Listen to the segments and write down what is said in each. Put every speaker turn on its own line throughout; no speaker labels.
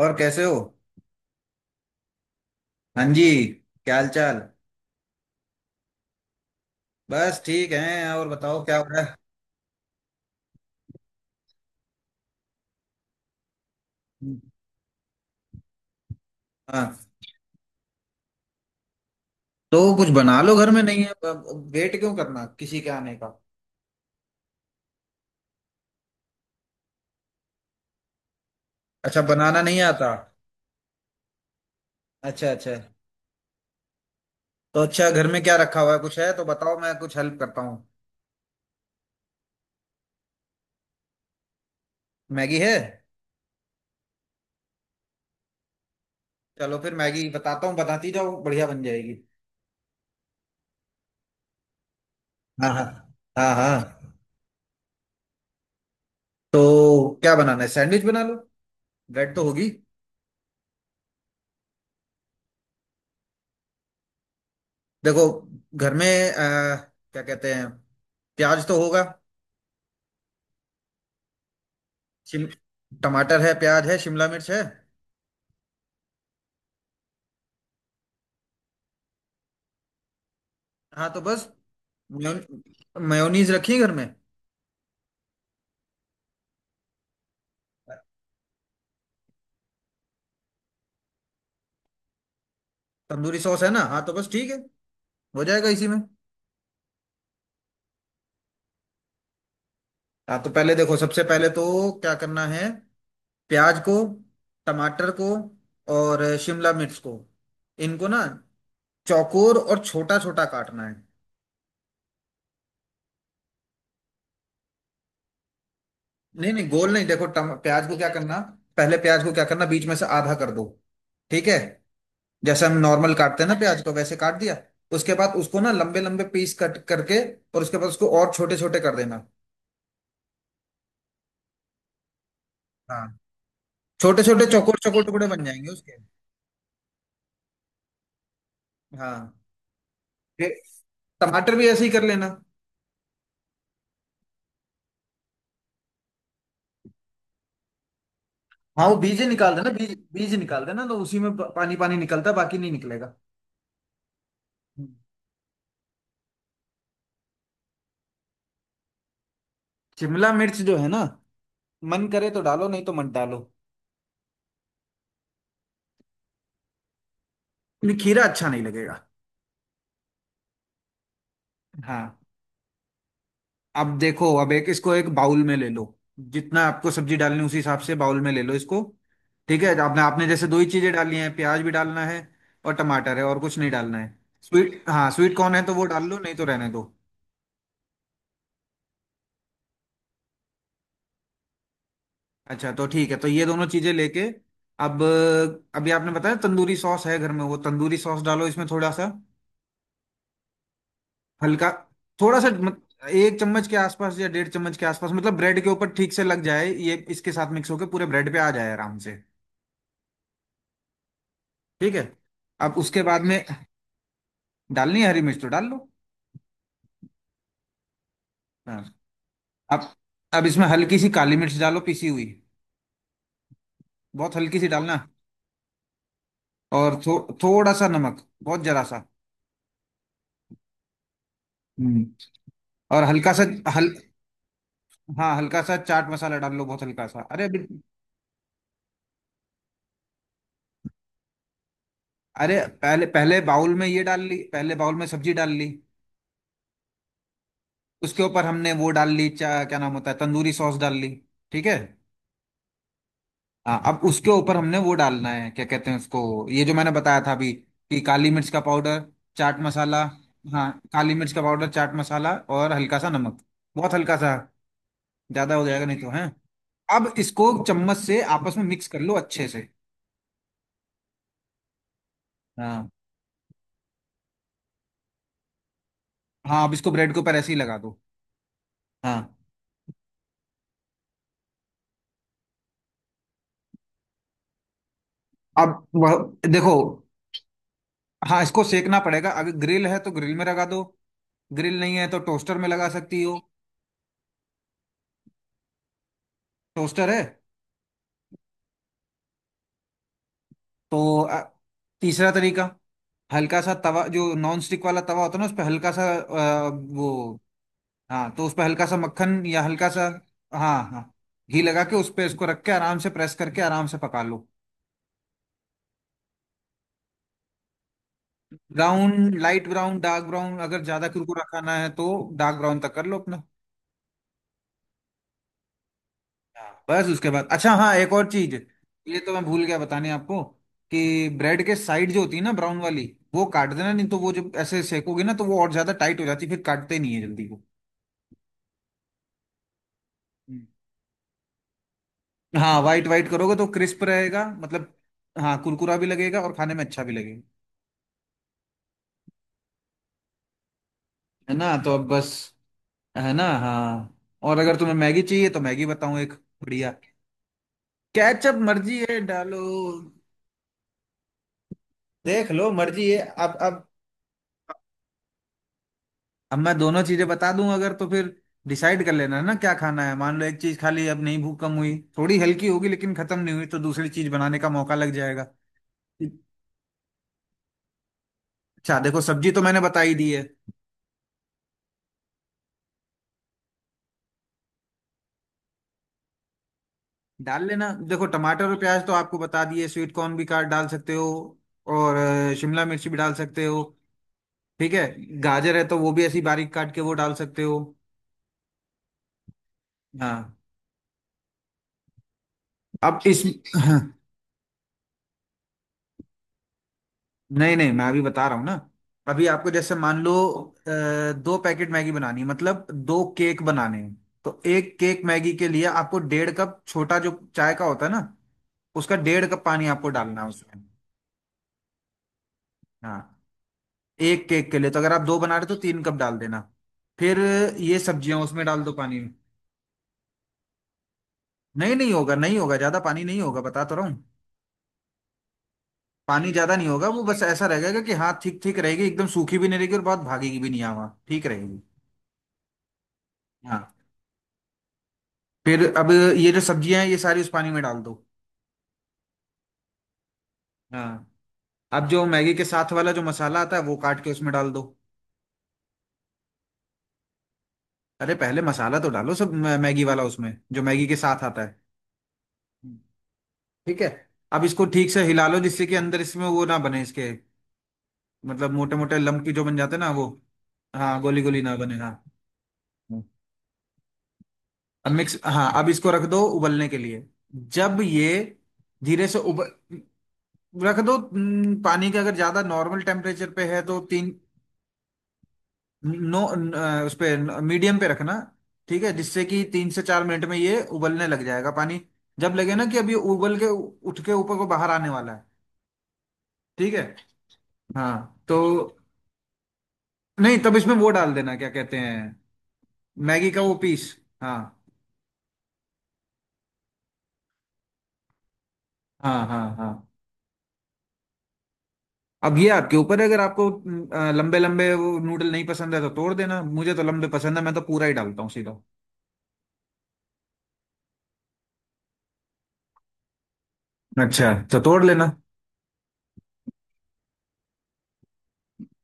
और कैसे हो। हाँ जी। क्या हाल चाल। बस ठीक है और बताओ क्या हो रहा है। हाँ तो कुछ बना लो घर में नहीं है। वेट क्यों करना किसी के आने का। अच्छा बनाना नहीं आता। अच्छा अच्छा। तो अच्छा घर में क्या रखा हुआ है कुछ है तो बताओ मैं कुछ हेल्प करता हूँ। मैगी है। चलो फिर मैगी बताता हूँ बताती जाओ बढ़िया बन जाएगी। हाँ हाँ। हाँ हाँ तो क्या बनाना है सैंडविच बना लो। ब्रेड तो होगी। देखो घर में अ, क्या कहते हैं प्याज तो होगा। शिम टमाटर है प्याज है शिमला मिर्च है। हाँ तो बस मेयोनीज रखी है घर में। तंदूरी सॉस है ना। हाँ तो बस ठीक है। हो जाएगा इसी में। हाँ तो पहले देखो सबसे पहले तो क्या करना है। प्याज को टमाटर को और शिमला मिर्च को इनको ना चौकोर और छोटा छोटा काटना है। नहीं नहीं गोल नहीं देखो प्याज को क्या करना। पहले प्याज को क्या करना बीच में से आधा कर दो। ठीक है। जैसे हम नॉर्मल काटते हैं ना प्याज को वैसे काट दिया। उसके बाद उसको ना लंबे लंबे पीस कट करके और उसके बाद उसको और छोटे छोटे कर देना। हाँ छोटे छोटे चौकोर चौकोर टुकड़े बन जाएंगे उसके। हाँ फिर टमाटर भी ऐसे ही कर लेना। हाँ वो बीज ही निकाल देना बीज बीज निकाल देना तो उसी में पानी पानी निकलता है बाकी नहीं निकलेगा। हम्म। शिमला मिर्च जो है ना मन करे तो डालो नहीं तो मत डालो। नहीं, खीरा अच्छा नहीं लगेगा। हाँ अब देखो अब एक इसको एक बाउल में ले लो। जितना आपको सब्जी डालनी है, उसी हिसाब से बाउल में ले लो इसको। ठीक है आपने आपने जैसे दो ही चीजें डालनी है प्याज भी डालना है और टमाटर है और कुछ नहीं डालना है। स्वीट हाँ स्वीट कॉर्न है तो वो डाल लो नहीं तो रहने दो। अच्छा तो ठीक है तो ये दोनों चीजें लेके अब अभी आपने बताया तंदूरी सॉस है घर में वो तंदूरी सॉस डालो इसमें थोड़ा सा। हल्का थोड़ा सा मत, एक चम्मच के आसपास या डेढ़ चम्मच के आसपास मतलब ब्रेड के ऊपर ठीक से लग जाए ये इसके साथ मिक्स होके पूरे ब्रेड पे आ जाए आराम से। ठीक है अब उसके बाद में डालनी है हरी मिर्च तो डाल लो। हाँ अब अब इसमें हल्की सी काली मिर्च डालो पिसी हुई। बहुत हल्की सी डालना और थोड़ा सा नमक बहुत जरा सा। हम्म और हल्का सा हल हाँ हल्का सा चाट मसाला डाल लो बहुत हल्का सा अरे अरे पहले पहले बाउल में ये डाल ली पहले बाउल में सब्जी डाल ली। उसके ऊपर हमने वो डाल ली क्या नाम होता है तंदूरी सॉस डाल ली। ठीक है। हाँ अब उसके ऊपर हमने वो डालना है क्या कहते हैं उसको ये जो मैंने बताया था अभी कि काली मिर्च का पाउडर चाट मसाला। हाँ काली मिर्च का पाउडर चाट मसाला और हल्का सा नमक। बहुत हल्का सा ज्यादा हो जाएगा नहीं तो है। अब इसको चम्मच से आपस में मिक्स कर लो अच्छे से। हाँ हाँ अब इसको ब्रेड के ऊपर ऐसे ही लगा दो। हाँ अब वह देखो हाँ इसको सेकना पड़ेगा अगर ग्रिल है तो ग्रिल में लगा दो। ग्रिल नहीं है तो टोस्टर में लगा सकती हो। टोस्टर है तो तीसरा तरीका हल्का सा तवा जो नॉन स्टिक वाला तवा होता है ना उस पर हल्का सा वो हाँ तो उस पर हल्का सा मक्खन या हल्का सा। हाँ हाँ घी लगा के उस पे इसको रख के आराम से प्रेस करके आराम से पका लो। Brown light brown dark brown अगर ज्यादा कुरकुरा खाना है तो डार्क ब्राउन तक कर लो अपना। हाँ बस उसके बाद अच्छा हाँ एक और चीज ये तो मैं भूल गया बताने आपको कि ब्रेड के साइड जो होती है ना ब्राउन वाली वो काट देना नहीं तो वो जब ऐसे सेकोगे ना तो वो और ज्यादा टाइट हो जाती है, फिर काटते नहीं है जल्दी वो। हाँ व्हाइट व्हाइट करोगे तो क्रिस्प रहेगा मतलब। हाँ कुरकुरा भी लगेगा और खाने में अच्छा भी लगेगा। है ना तो अब बस है ना हाँ और अगर तुम्हें मैगी चाहिए तो मैगी बताऊँ एक बढ़िया। कैचअप मर्जी है डालो। देख लो मर्जी है। अब अब अब मैं दोनों चीजें बता दूं अगर तो फिर डिसाइड कर लेना है ना क्या खाना है मान लो एक चीज खा ली अब नहीं भूख कम हुई थोड़ी हल्की होगी लेकिन खत्म नहीं हुई तो दूसरी चीज बनाने का मौका लग जाएगा। अच्छा देखो सब्जी तो मैंने बता ही दी है। डाल लेना देखो टमाटर और प्याज तो आपको बता दिए स्वीट कॉर्न भी काट डाल सकते हो और शिमला मिर्च भी डाल सकते हो। ठीक है गाजर है तो वो भी ऐसी बारीक काट के वो डाल सकते हो। हाँ अब इस हाँ, नहीं नहीं मैं अभी बता रहा हूँ ना। अभी आपको जैसे मान लो दो पैकेट मैगी बनानी है मतलब दो केक बनाने हैं। तो एक केक मैगी के लिए आपको डेढ़ कप छोटा जो चाय का होता है ना उसका डेढ़ कप पानी आपको डालना है उसमें। हाँ एक केक के लिए तो अगर आप दो बना रहे हो तो तीन कप डाल देना। फिर ये सब्जियां उसमें डाल दो पानी में। नहीं नहीं होगा नहीं होगा ज्यादा पानी नहीं होगा बता तो रहा हूँ। पानी ज्यादा नहीं होगा वो बस ऐसा रहेगा कि हाँ ठीक ठीक रहेगी एकदम सूखी भी नहीं रहेगी और बहुत भागेगी भी नहीं हवा ठीक रहेगी। हाँ फिर अब ये जो सब्जियां हैं ये सारी उस पानी में डाल दो। हाँ अब जो मैगी के साथ वाला जो मसाला आता है वो काट के उसमें डाल दो। अरे पहले मसाला तो डालो सब मैगी वाला उसमें जो मैगी के साथ आता है। ठीक है अब इसको ठीक से हिला लो जिससे कि अंदर इसमें वो ना बने इसके मतलब मोटे मोटे लम्पी जो बन जाते हैं ना वो। हाँ गोली गोली ना बने हाँ अब मिक्स हाँ अब इसको रख दो उबलने के लिए जब ये धीरे से उब रख दो पानी के अगर ज्यादा नॉर्मल टेम्परेचर पे है तो तीन नो उस पे मीडियम पे रखना। ठीक है जिससे कि तीन से चार मिनट में ये उबलने लग जाएगा पानी। जब लगे ना कि अब ये उबल के उठ के ऊपर को बाहर आने वाला है। ठीक है हाँ तो नहीं तब इसमें वो डाल देना क्या कहते हैं मैगी का वो पीस। हाँ हाँ हाँ हाँ अब ये आपके ऊपर है अगर आपको लंबे लंबे वो नूडल नहीं पसंद है तो तोड़ देना मुझे तो लंबे पसंद है मैं तो पूरा ही डालता हूँ सीधा। अच्छा तो तोड़ लेना।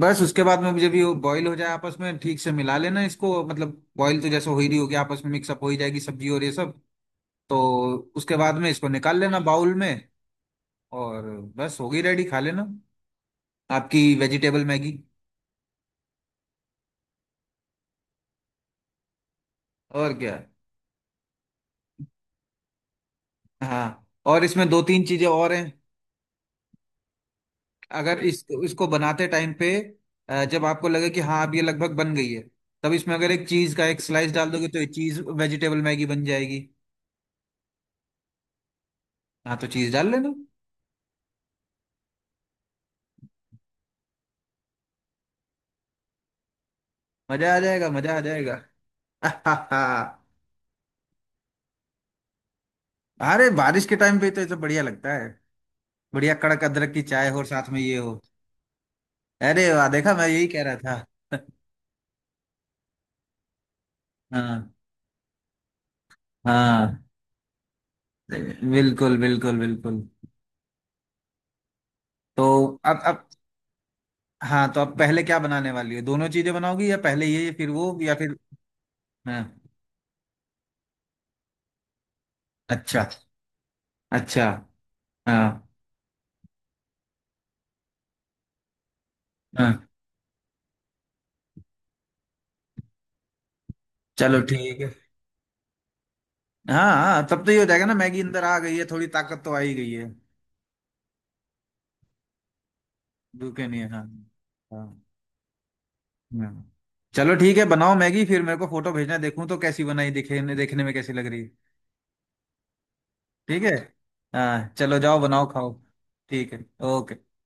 बस उसके बाद में जब ये बॉईल हो जाए आपस में ठीक से मिला लेना इसको मतलब बॉईल तो जैसे हो ही रही होगी आपस में मिक्सअप हो ही जाएगी सब्जी और ये सब। तो उसके बाद में इसको निकाल लेना बाउल में और बस होगी रेडी खा लेना आपकी वेजिटेबल मैगी। और क्या। हाँ और इसमें दो तीन चीजें और हैं। अगर इस इसको बनाते टाइम पे जब आपको लगे कि हाँ अब ये लगभग बन गई है तब इसमें अगर एक चीज का एक स्लाइस डाल दोगे तो ये चीज वेजिटेबल मैगी बन जाएगी। हाँ तो चीज डाल लेना। मजा आ जाएगा मजा आ जाएगा। अरे बारिश के टाइम पे तो ये तो बढ़िया लगता है। बढ़िया कड़क अदरक की चाय हो और साथ में ये हो। अरे वाह देखा मैं यही कह रहा था। हाँ हाँ बिल्कुल बिल्कुल बिल्कुल। तो अब हाँ तो अब पहले क्या बनाने वाली हो दोनों चीजें बनाओगी या पहले ये फिर वो या फिर हाँ अच्छा अच्छा हाँ हाँ चलो ठीक है। हाँ हाँ तब तो ये हो जाएगा ना मैगी अंदर आ गई है थोड़ी ताकत तो आ ही गई है। भूखे नहीं है हाँ। हाँ हाँ। चलो ठीक है बनाओ मैगी फिर मेरे को फोटो भेजना देखूं तो कैसी बनाई दिखे देखने में कैसी लग रही है। ठीक है हाँ चलो जाओ बनाओ खाओ। ठीक है ओके।